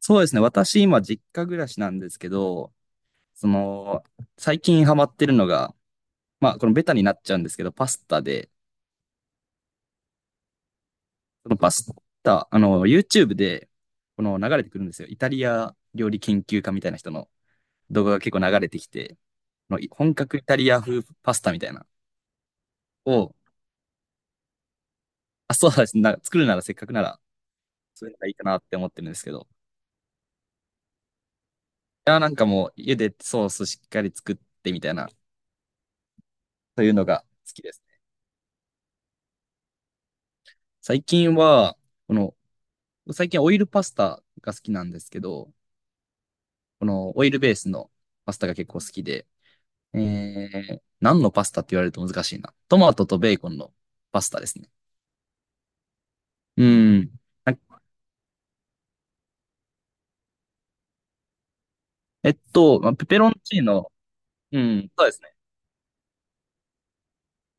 そうですね。私、今、実家暮らしなんですけど、その、最近ハマってるのが、まあ、このベタになっちゃうんですけど、パスタで、そのパスタ、あの、YouTube で、この流れてくるんですよ。イタリア料理研究家みたいな人の動画が結構流れてきて、この本格イタリア風パスタみたいなを、あ、そうですね。な作るならせっかくなら、そういうのがいいかなって思ってるんですけど、いや、なんかもう、茹でてソースしっかり作ってみたいな、そういうのが好きですね。最近は、この、最近オイルパスタが好きなんですけど、このオイルベースのパスタが結構好きで、え何のパスタって言われると難しいな。トマトとベーコンのパスタですね。うん。なんかまあペペロンチーノ、うん、そうですね。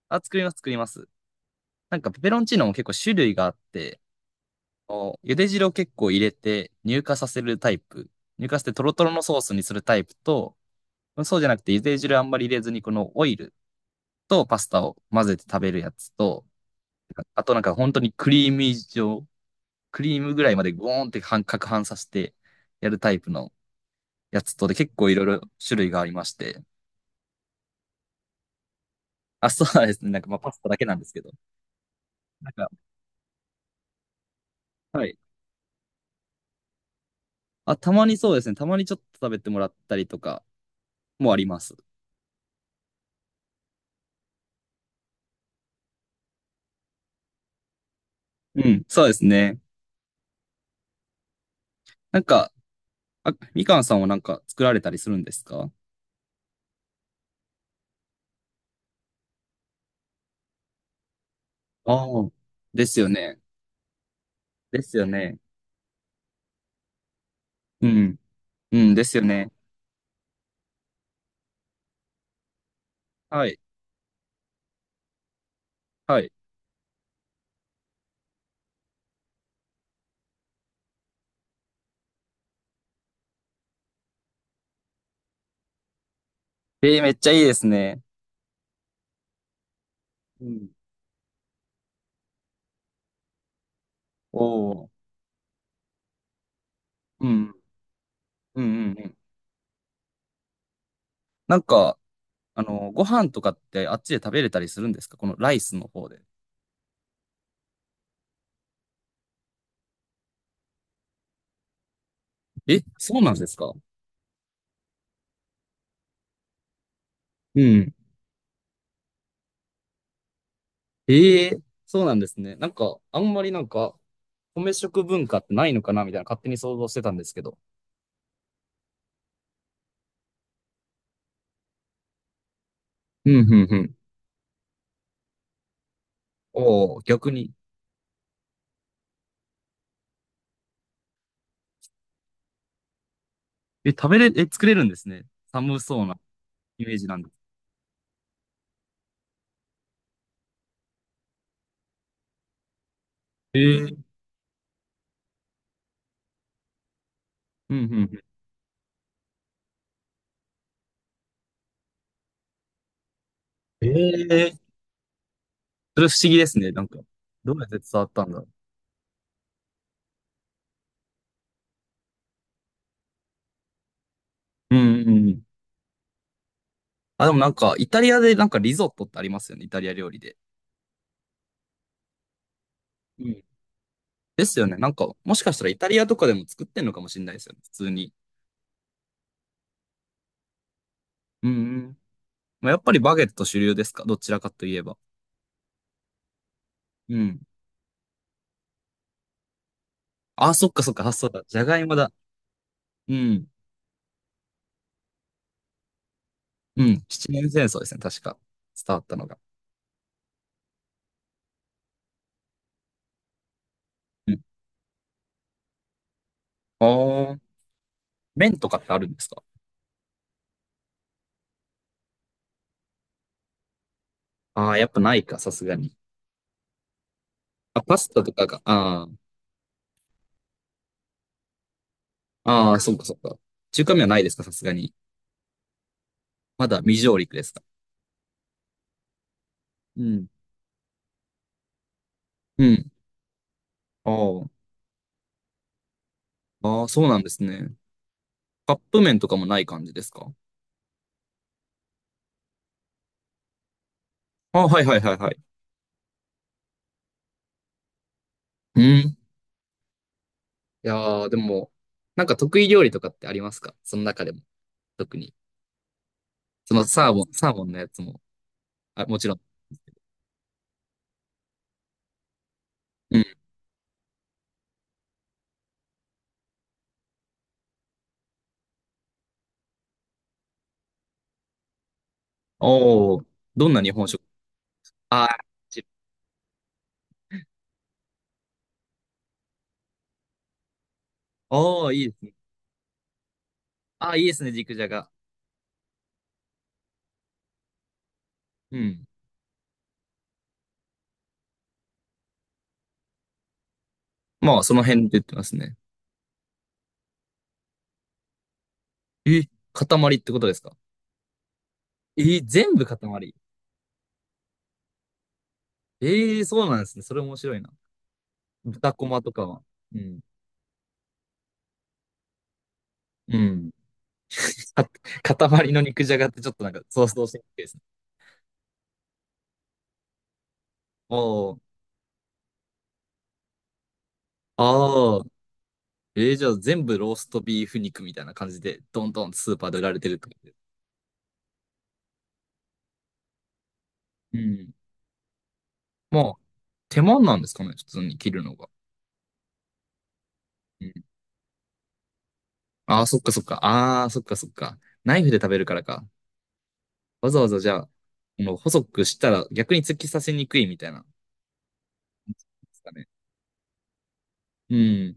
あ、作ります、作ります。なんかペペロンチーノも結構種類があって、お茹で汁を結構入れて乳化させるタイプ、乳化してトロトロのソースにするタイプと、そうじゃなくて茹で汁あんまり入れずにこのオイルとパスタを混ぜて食べるやつと、あとなんか本当にクリーム以上、クリームぐらいまでゴーンって半攪拌させてやるタイプのやつとで結構いろいろ種類がありまして。あ、そうですね。なんかまあパスタだけなんですけど。なんか、はい。あ、たまにそうですね。たまにちょっと食べてもらったりとかもあります。うん、そうですね。なんか、あ、みかんさんはなんか作られたりするんですか？ああ。ですよね。ですよね。うん。うん、ですよね。はい。はい。えー、めっちゃいいですね。うん。おお。うん。うんうんうん。なんか、あの、ご飯とかってあっちで食べれたりするんですか？このライスの方で。え、そうなんですか？うん。ええ、そうなんですね。なんか、あんまりなんか、米食文化ってないのかなみたいな勝手に想像してたんですけど。うん、うん、うん。おお、逆に。え、食べれ、え、作れるんですね。寒そうなイメージなんです。ええ、うん、うん、うん。ええ、それ不思議ですね。なんか、どうやって伝わったんだろう。うん、うん、うん。あ、でもなんか、イタリアでなんかリゾットってありますよね。イタリア料理で。ですよね。なんか、もしかしたらイタリアとかでも作ってんのかもしれないですよね。普通に。うんうん。まあ、やっぱりバゲット主流ですか？どちらかといえば。うん。あ、そっかそっか。あ、そうだ。じゃがいもだ。うん。うん。七年戦争ですね。確か。伝わったのが。うん。ああ。麺とかってあるんですか？ああー、やっぱないか、さすがに。あ、パスタとかが、ああ。ああ、そっかそっか。中華麺はないですか？さすがに。まだ未上陸ですか？うん。うん。ああ。ああ、そうなんですね。カップ麺とかもない感じですか？ああ、はいはいはいはい。うん。いやー、でも、なんか得意料理とかってありますか？その中でも、特に。そのサーモン、サーモンのやつも。あ、もちろん。うん。おー、どんな日本食？あー、ち、おー、いいですね。あー、いいですね、肉じゃが。うん。まあ、その辺で言ってますね。え、塊ってことですか？えー、全部塊。えー、そうなんですね。それ面白いな。豚こまとかは。うん。うん。か塊の肉じゃがってちょっとなんか想像しにくいですね。おー、あー。えー、じゃあ全部ローストビーフ肉みたいな感じで、どんどんスーパーで売られてるってことで。うん。まあ、手間なんですかね、普通に切るのが。うん。ああ、そっかそっか。ああ、そっかそっか。ナイフで食べるからか。わざわざじゃあ、この細くしたら逆に突き刺せにくいみたいな。ですかね。うん。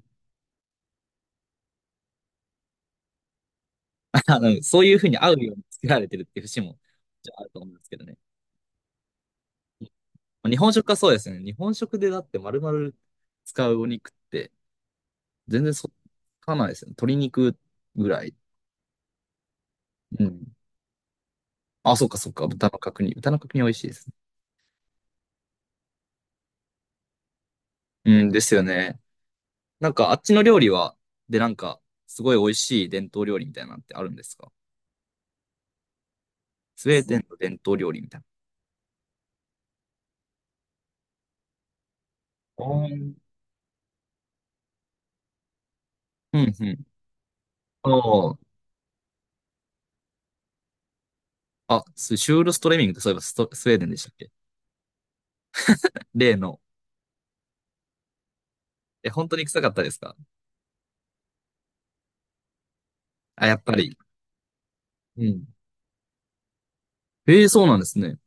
あのそういうふうに合うように作られてるっていう節も、じゃああると思うんですけどね。まあ、日本食はそうですね。日本食でだって丸々使うお肉って、全然そっかないですね。鶏肉ぐらい。うん。あ、そうかそうか。豚の角煮。豚の角煮美味しいですね。うん、ですよね。なんかあっちの料理は、で、なんか、すごい美味しい伝統料理みたいなのってあるんですか？スウェーデンの伝統料理みたいな。あー、うん、うん。あー、あ、スシュールストレミングってそういえばスト、スウェーデンでしたっけ？例の。え、本当に臭かったですか？あ、やっぱり。うん。ええ、そうなんですね。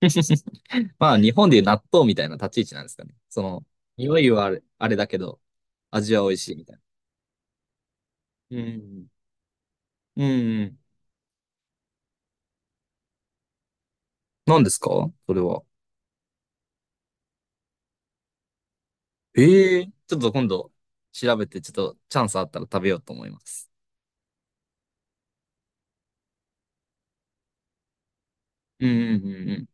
まあ、日本でいう納豆みたいな立ち位置なんですかね。その、匂いはあれ、あれだけど、味は美味しいみたいな。うん。うん。何ですか？それは。ええー、ちょっと今度調べて、ちょっとチャンスあったら食べようと思います。うんうんうん、うん。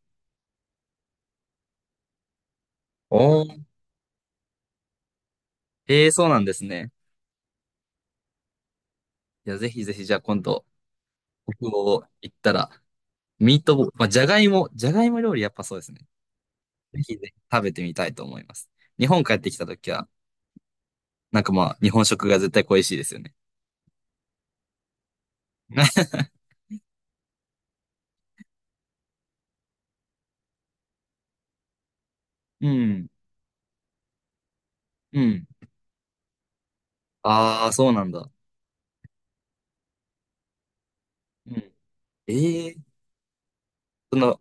おー。ええー、そうなんですね。いや、ぜひぜひ、じゃあ今度、北欧行ったら、ミートボール、まあ、じゃがいも、じゃがいも料理やっぱそうですね。ぜひぜひ食べてみたいと思います。日本帰ってきた時は、なんかまあ、日本食が絶対恋しいですよね。うん、うん。ああ、そうなんだ。うん。ええー、その、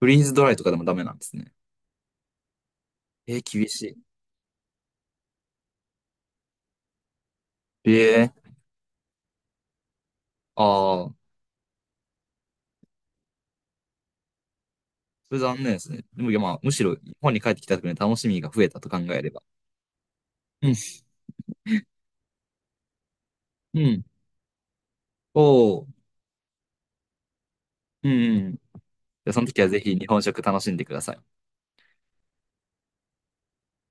フリーズドライとかでもダメなんですね。えー、厳しい。ええー、ああ、それ残念ですね。でも、いやまあ、むしろ日本に帰ってきた時の楽しみが増えたと考えれば。うん。うん。おお。うんうん。じゃあその時はぜひ日本食楽しんでください。